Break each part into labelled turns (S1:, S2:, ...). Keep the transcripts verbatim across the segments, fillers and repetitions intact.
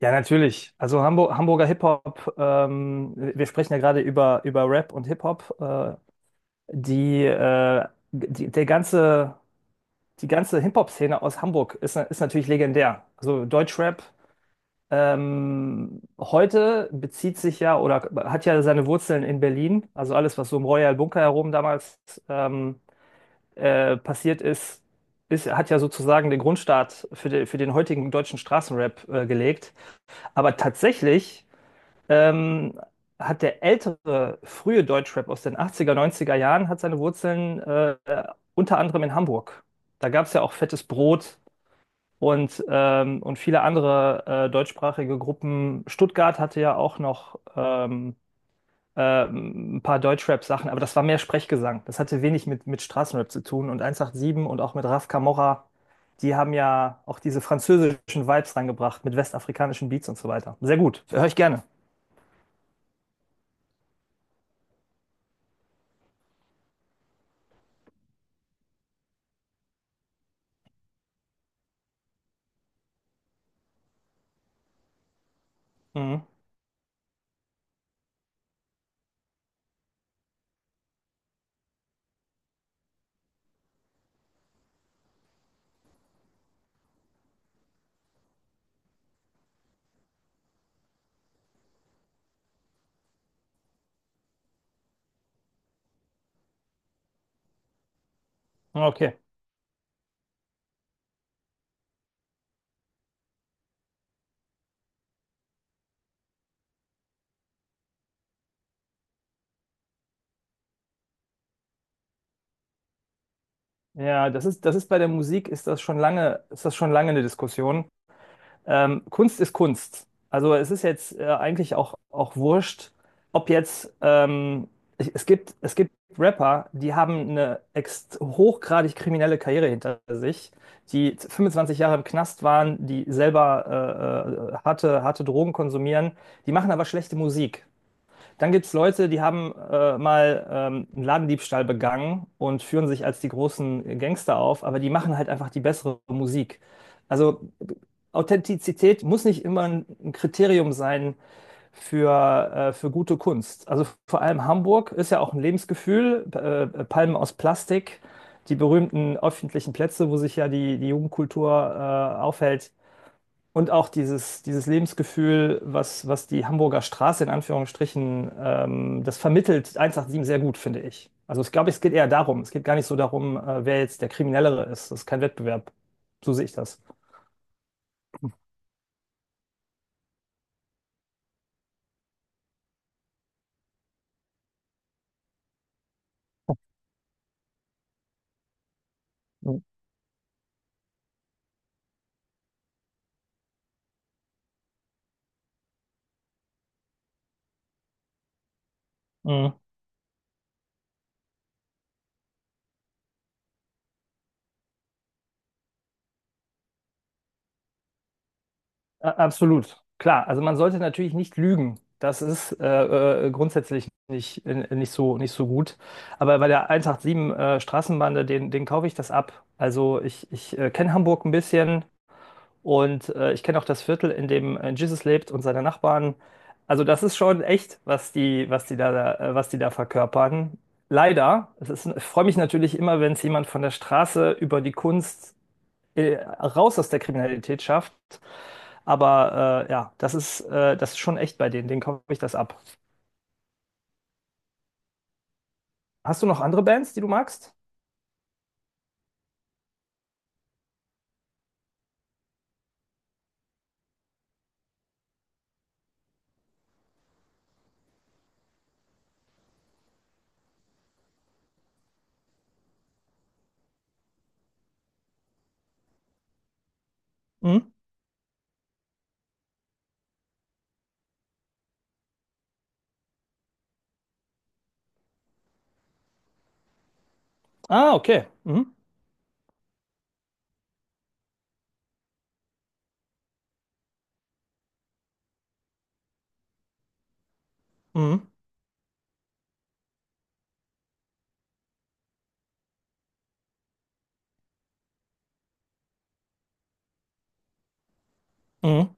S1: Ja, natürlich. Also Hamburg, Hamburger Hip-Hop, ähm, wir sprechen ja gerade über, über Rap und Hip-Hop. Äh, die, äh, die, der ganze, die ganze Hip-Hop-Szene aus Hamburg ist, na- ist natürlich legendär. Also Deutschrap ähm, heute bezieht sich ja oder hat ja seine Wurzeln in Berlin. Also alles, was so im Royal Bunker herum damals ähm, äh, passiert ist, ist, hat ja sozusagen den Grundstart für, de, für den heutigen deutschen Straßenrap äh, gelegt. Aber tatsächlich ähm, hat der ältere, frühe Deutschrap aus den achtziger neunziger Jahren, hat seine Wurzeln äh, unter anderem in Hamburg. Da gab es ja auch Fettes Brot und, ähm, und viele andere äh, deutschsprachige Gruppen. Stuttgart hatte ja auch noch ähm, ähm, ein paar Deutschrap-Sachen, aber das war mehr Sprechgesang. Das hatte wenig mit, mit Straßenrap zu tun. Und eins acht sieben und auch mit Raf Camora, die haben ja auch diese französischen Vibes reingebracht mit westafrikanischen Beats und so weiter. Sehr gut, höre ich gerne. Mhm. Okay. Ja, das ist, das ist bei der Musik ist das schon lange, ist das schon lange eine Diskussion. Ähm, Kunst ist Kunst. Also es ist jetzt äh, eigentlich auch, auch wurscht, ob jetzt ähm, ich- es gibt, es gibt Rapper, die haben eine ext hochgradig kriminelle Karriere hinter sich, die fünfundzwanzig Jahre im Knast waren, die selber äh, äh, harte, harte Drogen konsumieren, die machen aber schlechte Musik. Dann gibt es Leute, die haben äh, mal ähm, einen Ladendiebstahl begangen und führen sich als die großen Gangster auf, aber die machen halt einfach die bessere Musik. Also Authentizität muss nicht immer ein ein Kriterium sein für, äh, für gute Kunst. Also vor allem Hamburg ist ja auch ein Lebensgefühl. Äh, äh, Palmen aus Plastik, die berühmten öffentlichen Plätze, wo sich ja die, die Jugendkultur äh, aufhält, und auch dieses, dieses Lebensgefühl, was, was die Hamburger Straße in Anführungsstrichen, ähm, das vermittelt eins acht sieben sehr gut, finde ich. Also ich glaube, es geht eher darum. Es geht gar nicht so darum, äh, wer jetzt der Kriminellere ist. Das ist kein Wettbewerb. So sehe ich das. Mhm. Mhm. A- Absolut. Klar, also man sollte natürlich nicht lügen. Das ist äh, äh, grundsätzlich nicht, äh, nicht so, nicht so gut. Aber bei der eins acht sieben äh, Straßenbahn, den, den kaufe ich das ab. Also ich, ich äh, kenne Hamburg ein bisschen. Und äh, ich kenne auch das Viertel, in dem äh, Jesus lebt und seine Nachbarn. Also das ist schon echt, was die, was die da, äh, was die da verkörpern. Leider, es ist, ich freue mich natürlich immer, wenn es jemand von der Straße über die Kunst äh, raus aus der Kriminalität schafft. Aber äh, ja, das ist, äh, das ist schon echt bei denen. Denen kaufe ich das ab. Hast du noch andere Bands, die du magst? Mhm. Ah, okay. Mhm. Mhm. Mhm.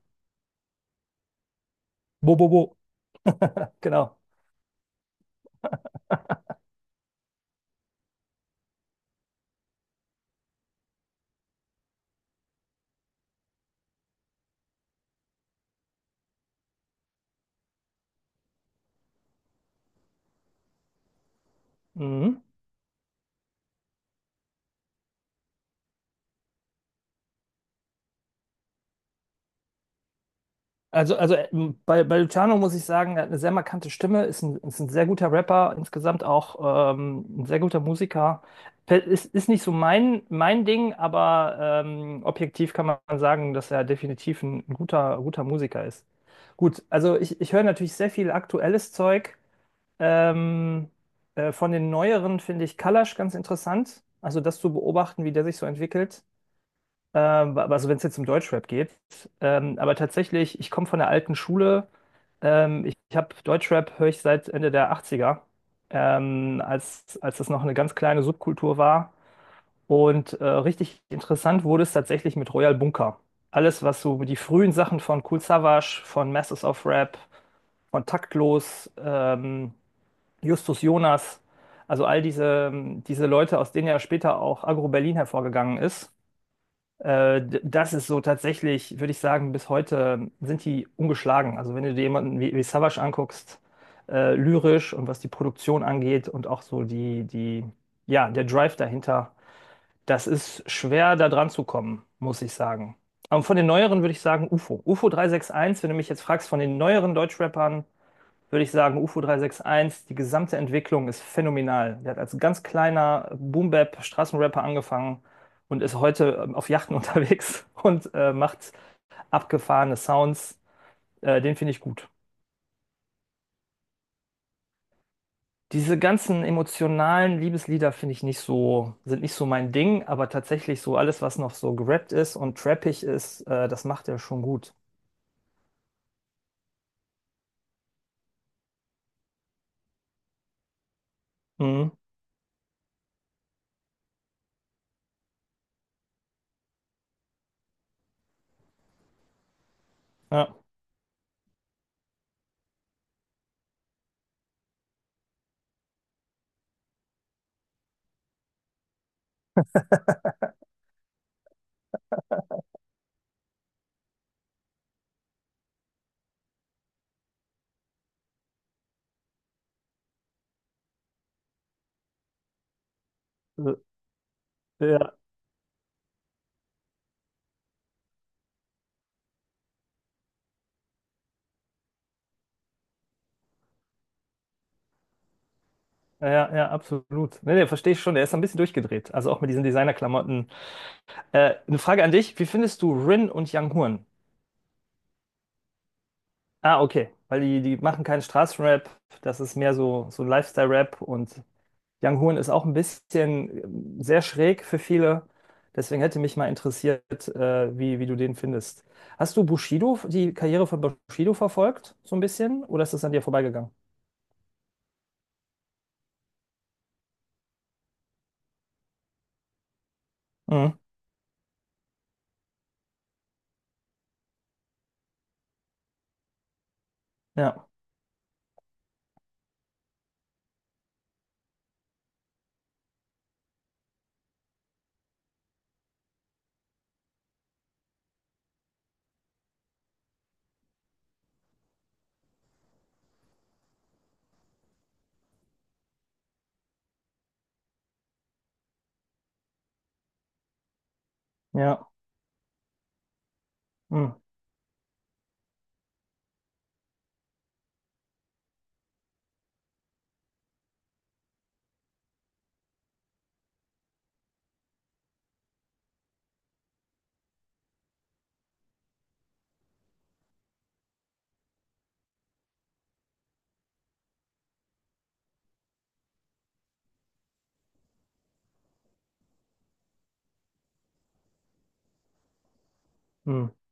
S1: Bo, bo, bo. Genau. Mhm. Also, also äh, m, bei, bei Luciano muss ich sagen, er hat eine sehr markante Stimme, ist ein, ist ein sehr guter Rapper, insgesamt auch ähm, ein sehr guter Musiker. Pe- Ist, ist nicht so mein, mein Ding, aber ähm, objektiv kann man sagen, dass er definitiv ein, guter, guter Musiker ist. Gut, also ich, ich höre natürlich sehr viel aktuelles Zeug. Ähm, äh, von den neueren finde ich Kalash ganz interessant. Also das zu beobachten, wie der sich so entwickelt. Ähm, also wenn es jetzt um Deutschrap geht. Ähm, aber tatsächlich, ich komme von der alten Schule. Ähm, ich ich habe Deutschrap, höre ich seit Ende der achtziger, ähm, als, als das noch eine ganz kleine Subkultur war. Und äh, richtig interessant wurde es tatsächlich mit Royal Bunker. Alles, was so die frühen Sachen von Kool Savas, von Masters of Rap, von Taktlos, ähm, Justus Jonas, also all diese, diese Leute, aus denen ja später auch Agro Berlin hervorgegangen ist, äh, d- das ist so tatsächlich, würde ich sagen, bis heute sind die ungeschlagen. Also wenn du dir jemanden wie, wie Savas anguckst, äh, lyrisch und was die Produktion angeht und auch so die, die, ja, der Drive dahinter, das ist schwer da dran zu kommen, muss ich sagen. Aber von den neueren würde ich sagen UFO. UFO drei sechs eins, wenn du mich jetzt fragst, von den neueren Deutschrappern, würde ich sagen, UFO drei sechs eins, die gesamte Entwicklung ist phänomenal. Der hat als ganz kleiner Boom-Bap-Straßenrapper angefangen und ist heute ähm, auf Yachten unterwegs und äh, macht abgefahrene Sounds. Äh, den finde ich gut. Diese ganzen emotionalen Liebeslieder finde ich nicht so, sind nicht so mein Ding, aber tatsächlich so alles, was noch so gerappt ist und trappig ist, äh, das macht er schon gut. Mhm. Ja. Ja, ja, ja, absolut. Nee, nee, verstehe ich schon. Er ist ein bisschen durchgedreht. Also auch mit diesen Designerklamotten. Äh, eine Frage an dich. Wie findest du Rin und Young Horn? Ah, okay. Weil die, die machen keinen Straßenrap. Das ist mehr so, so, ein Lifestyle-Rap. Und Young Horn ist auch ein bisschen ähm, sehr schräg für viele. Deswegen hätte mich mal interessiert, äh, wie, wie du den findest. Hast du Bushido, die Karriere von Bushido verfolgt? So ein bisschen? Oder ist das an dir vorbeigegangen? Mhm. Ja, ja. Mhm. Mhm.